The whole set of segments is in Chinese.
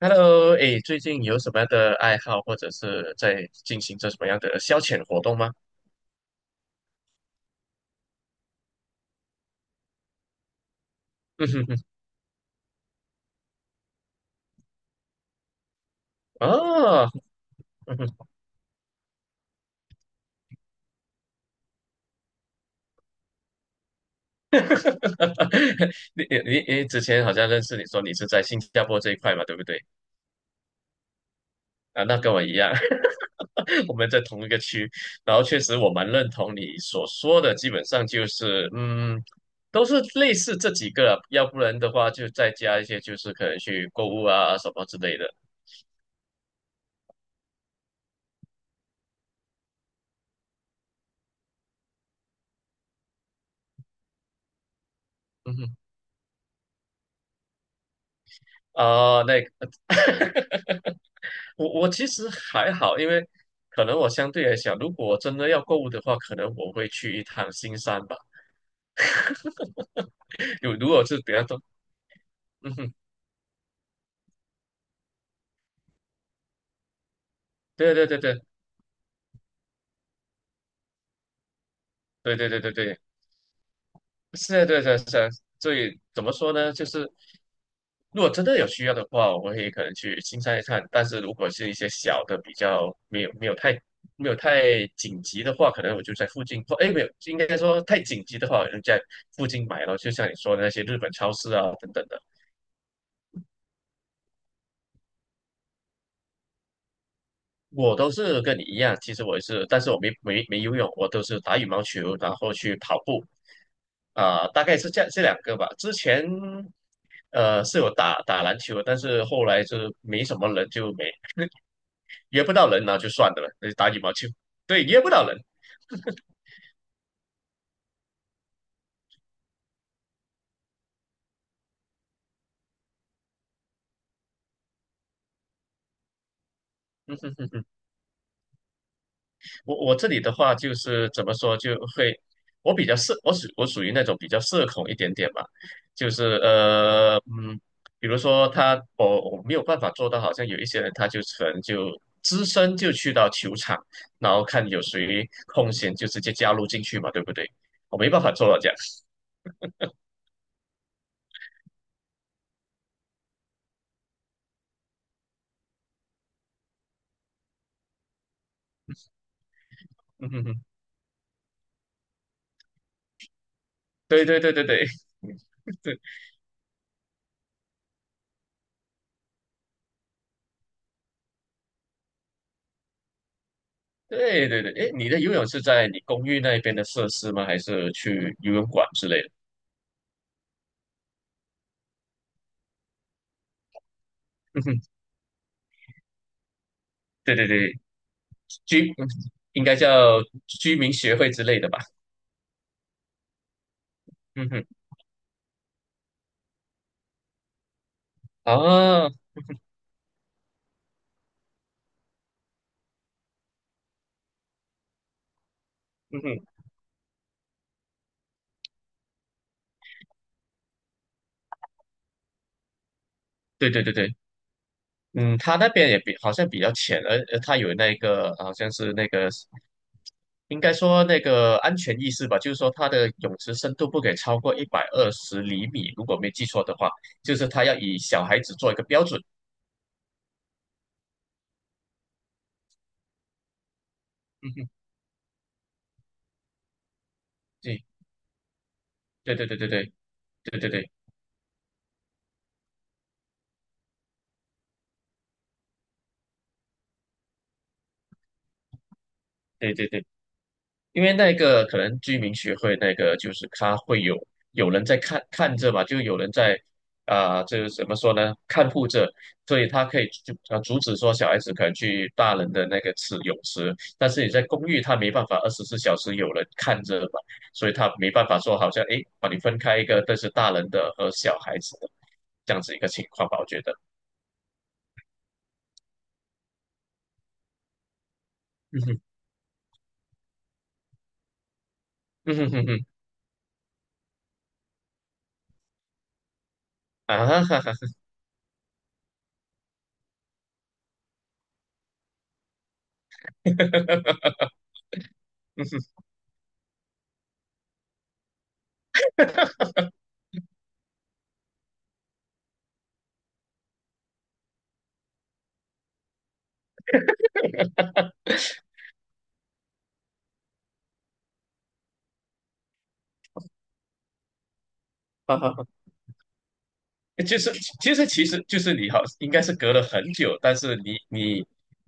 Hello，哎，最近有什么样的爱好，或者是在进行着什么样的消遣活动吗？嗯哼哼，哦，嗯哼 你之前好像认识你说你是在新加坡这一块嘛，对不对？啊，那跟我一样，我们在同一个区，然后确实我蛮认同你所说的，基本上就是都是类似这几个啊，要不然的话就再加一些，就是可能去购物啊什么之类的。嗯哼，啊、那个 我其实还好，因为可能我相对来讲，如果我真的要购物的话，可能我会去一趟新山吧。有如果是比较多，嗯哼，对对对对对对对对对，是啊，对对是啊。所以怎么说呢？就是如果真的有需要的话，我会可能去新山一趟。但是如果是一些小的，比较没有太紧急的话，可能我就在附近或哎没有，应该说太紧急的话，我就在附近买了。就像你说的那些日本超市啊等等的。我都是跟你一样，其实我也是，但是我没游泳，我都是打羽毛球，然后去跑步，啊、大概是这两个吧。之前，是有打打篮球，但是后来就是没什么人，就没约不到人，那就算的了，那就打羽毛球。对，约不到人。我这里的话就是怎么说，就会我比较社，我属于那种比较社恐一点点吧，就是比如说他我没有办法做到，好像有一些人他就可能就只身就去到球场，然后看有谁空闲就直接加入进去嘛，对不对？我没办法做到这样，嗯哼哼，对对对对对对对对对，哎，你的游泳是在你公寓那边的设施吗？还是去游泳馆之类的？嗯哼，对对对。居嗯应该叫居民协会之类的吧？嗯哼，啊，嗯哼，对对对对，嗯，他那边也比好像比较浅，而他有那个好像是那个应该说那个安全意识吧，就是说它的泳池深度不给超过120厘米，如果没记错的话，就是他要以小孩子做一个标准。嗯哼，对对对对对对对对对对对对对。因为那个可能居民学会那个就是他会有人在看看着嘛，就有人在啊、这个怎么说呢？看护着，所以他可以就阻止说小孩子可能去大人的那个泳池，但是你在公寓他没办法24小时有人看着嘛，所以他没办法说好像诶把你分开一个，但是大人的和小孩子的这样子一个情况吧，我觉得，嗯哼，嗯哼哼哼，啊哈哈哈，嗯哼，哈哈哈。就是其实就是你好，应该是隔了很久，但是你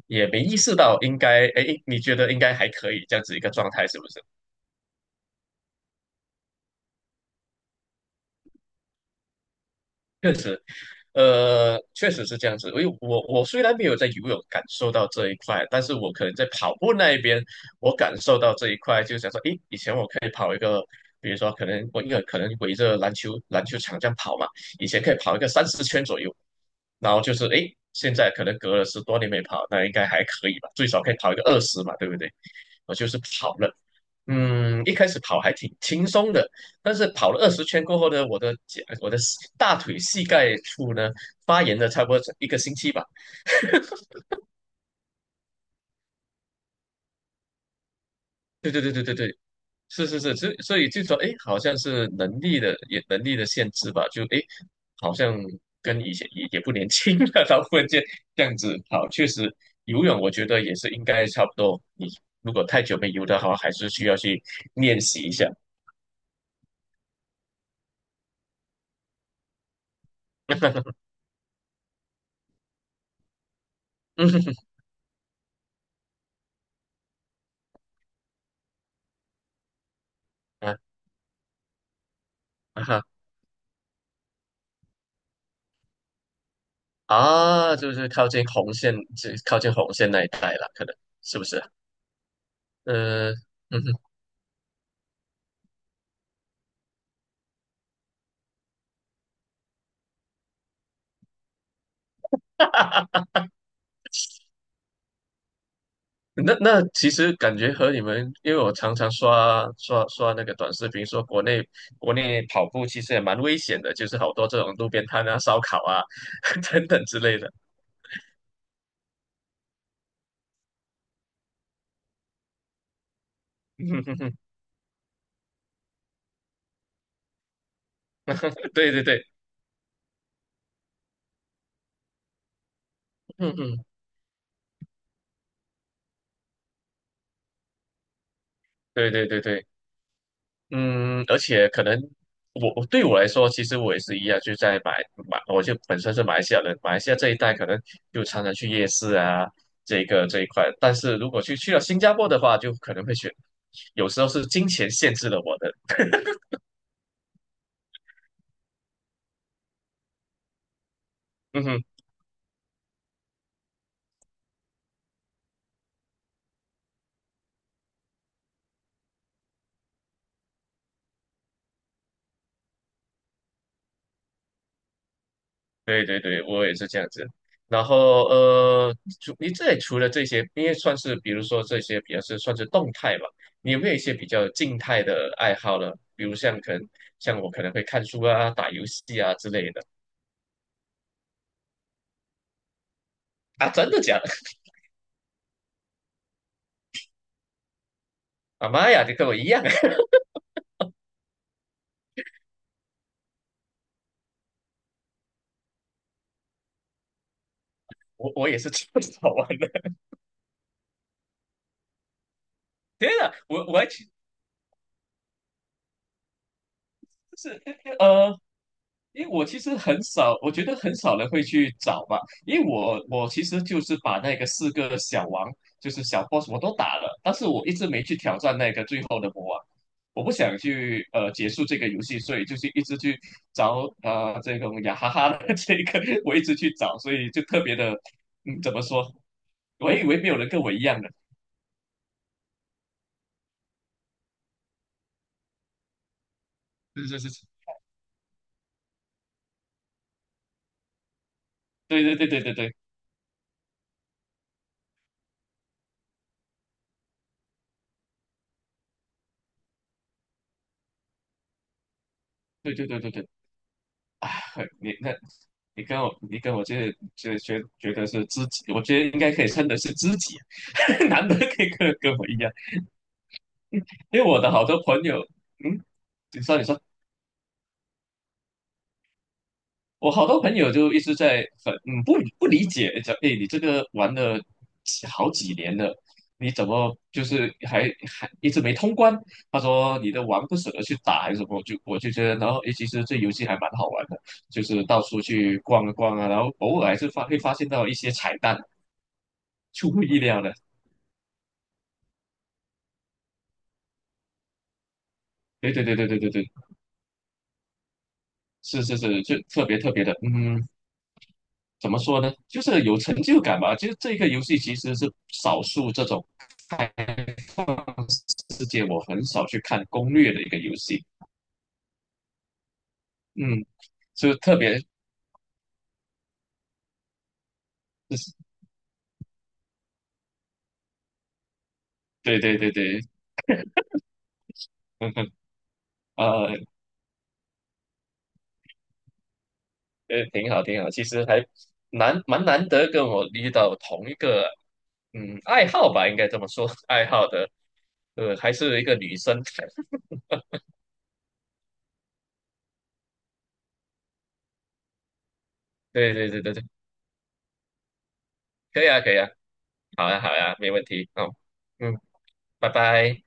也没意识到应该，哎，你觉得应该还可以这样子一个状态，是不是？确实确实是这样子。因为我虽然没有在游泳感受到这一块，但是我可能在跑步那一边，我感受到这一块，就想说，诶，以前我可以跑一个，比如说可能我因为可能围着篮球场这样跑嘛，以前可以跑一个30圈左右，然后就是诶，现在可能隔了10多年没跑，那应该还可以吧，最少可以跑一个二十嘛，对不对？我就是跑了，一开始跑还挺轻松的。但是跑了20圈过后呢，我的脚、我的大腿、膝盖处呢发炎了，差不多一个星期吧。对对对对对对，是是是，所以就说，哎，好像是能力的限制吧，就哎，诶好像跟以前也不年轻了，然后忽然间这样子好，确实游泳我觉得也是应该差不多，你如果太久没游的话，还是需要去练习一下。嗯哼哼啊啊哈啊，就是靠近红线，这靠近红线那一带了，可能是不是？呃，嗯哼，那其实感觉和你们，因为我常常刷刷刷那个短视频，说国内跑步其实也蛮危险的，就是好多这种路边摊啊、烧烤啊 等等之类的。对对对，嗯嗯，对对对对。嗯，而且可能我对我来说，其实我也是一样，就在马，我就本身是马来西亚人，马来西亚这一带可能就常常去夜市啊，这个这一块。但是如果去了新加坡的话，就可能会选，有时候是金钱限制了我的。嗯哼，对对对，我也是这样子。然后除你这里除了这些，因为算是比如说这些比较是算是动态嘛，你有没有一些比较静态的爱好呢？比如像可能像我可能会看书啊、打游戏啊之类的。啊，真的假的？啊妈呀，你跟我一样啊，我也是这么早玩的。天啊，我还其就是呃，因为我其实很少，我觉得很少人会去找吧，因为我其实就是把那个四个小王，就是小 boss 我都打了，但是我一直没去挑战那个最后的魔王。我不想去结束这个游戏，所以就是一直去找这种雅哈哈的这个，我一直去找，所以就特别的，嗯，怎么说？我还以为没有人跟我一样的，是是是，对对对对对对对对对对对，啊，你那，你跟我这觉得是知己，我觉得应该可以称得是知己，难得可以跟我一样，因为我的好多朋友，嗯，你说你说。我好多朋友就一直在很不理解，讲哎你这个玩了好几年了，你怎么就是还一直没通关？他说你的玩不舍得去打还是什么？就我就觉得，然后哎其实这游戏还蛮好玩的，就是到处去逛一逛啊，然后偶尔还是会发现到一些彩蛋，出乎意料的。对对对对对对对，是是是，就特别特别的，嗯，怎么说呢？就是有成就感吧。就是这个游戏其实是少数这种。世界，我很少去看攻略的一个游戏，嗯，就特别就是对对对对，嗯哼，呃挺好挺好，其实还蛮难得跟我遇到同一个爱好吧，应该这么说，爱好的，还是一个女生，对对对对对，可以啊可以啊，好呀好呀，没问题，好，嗯，拜拜。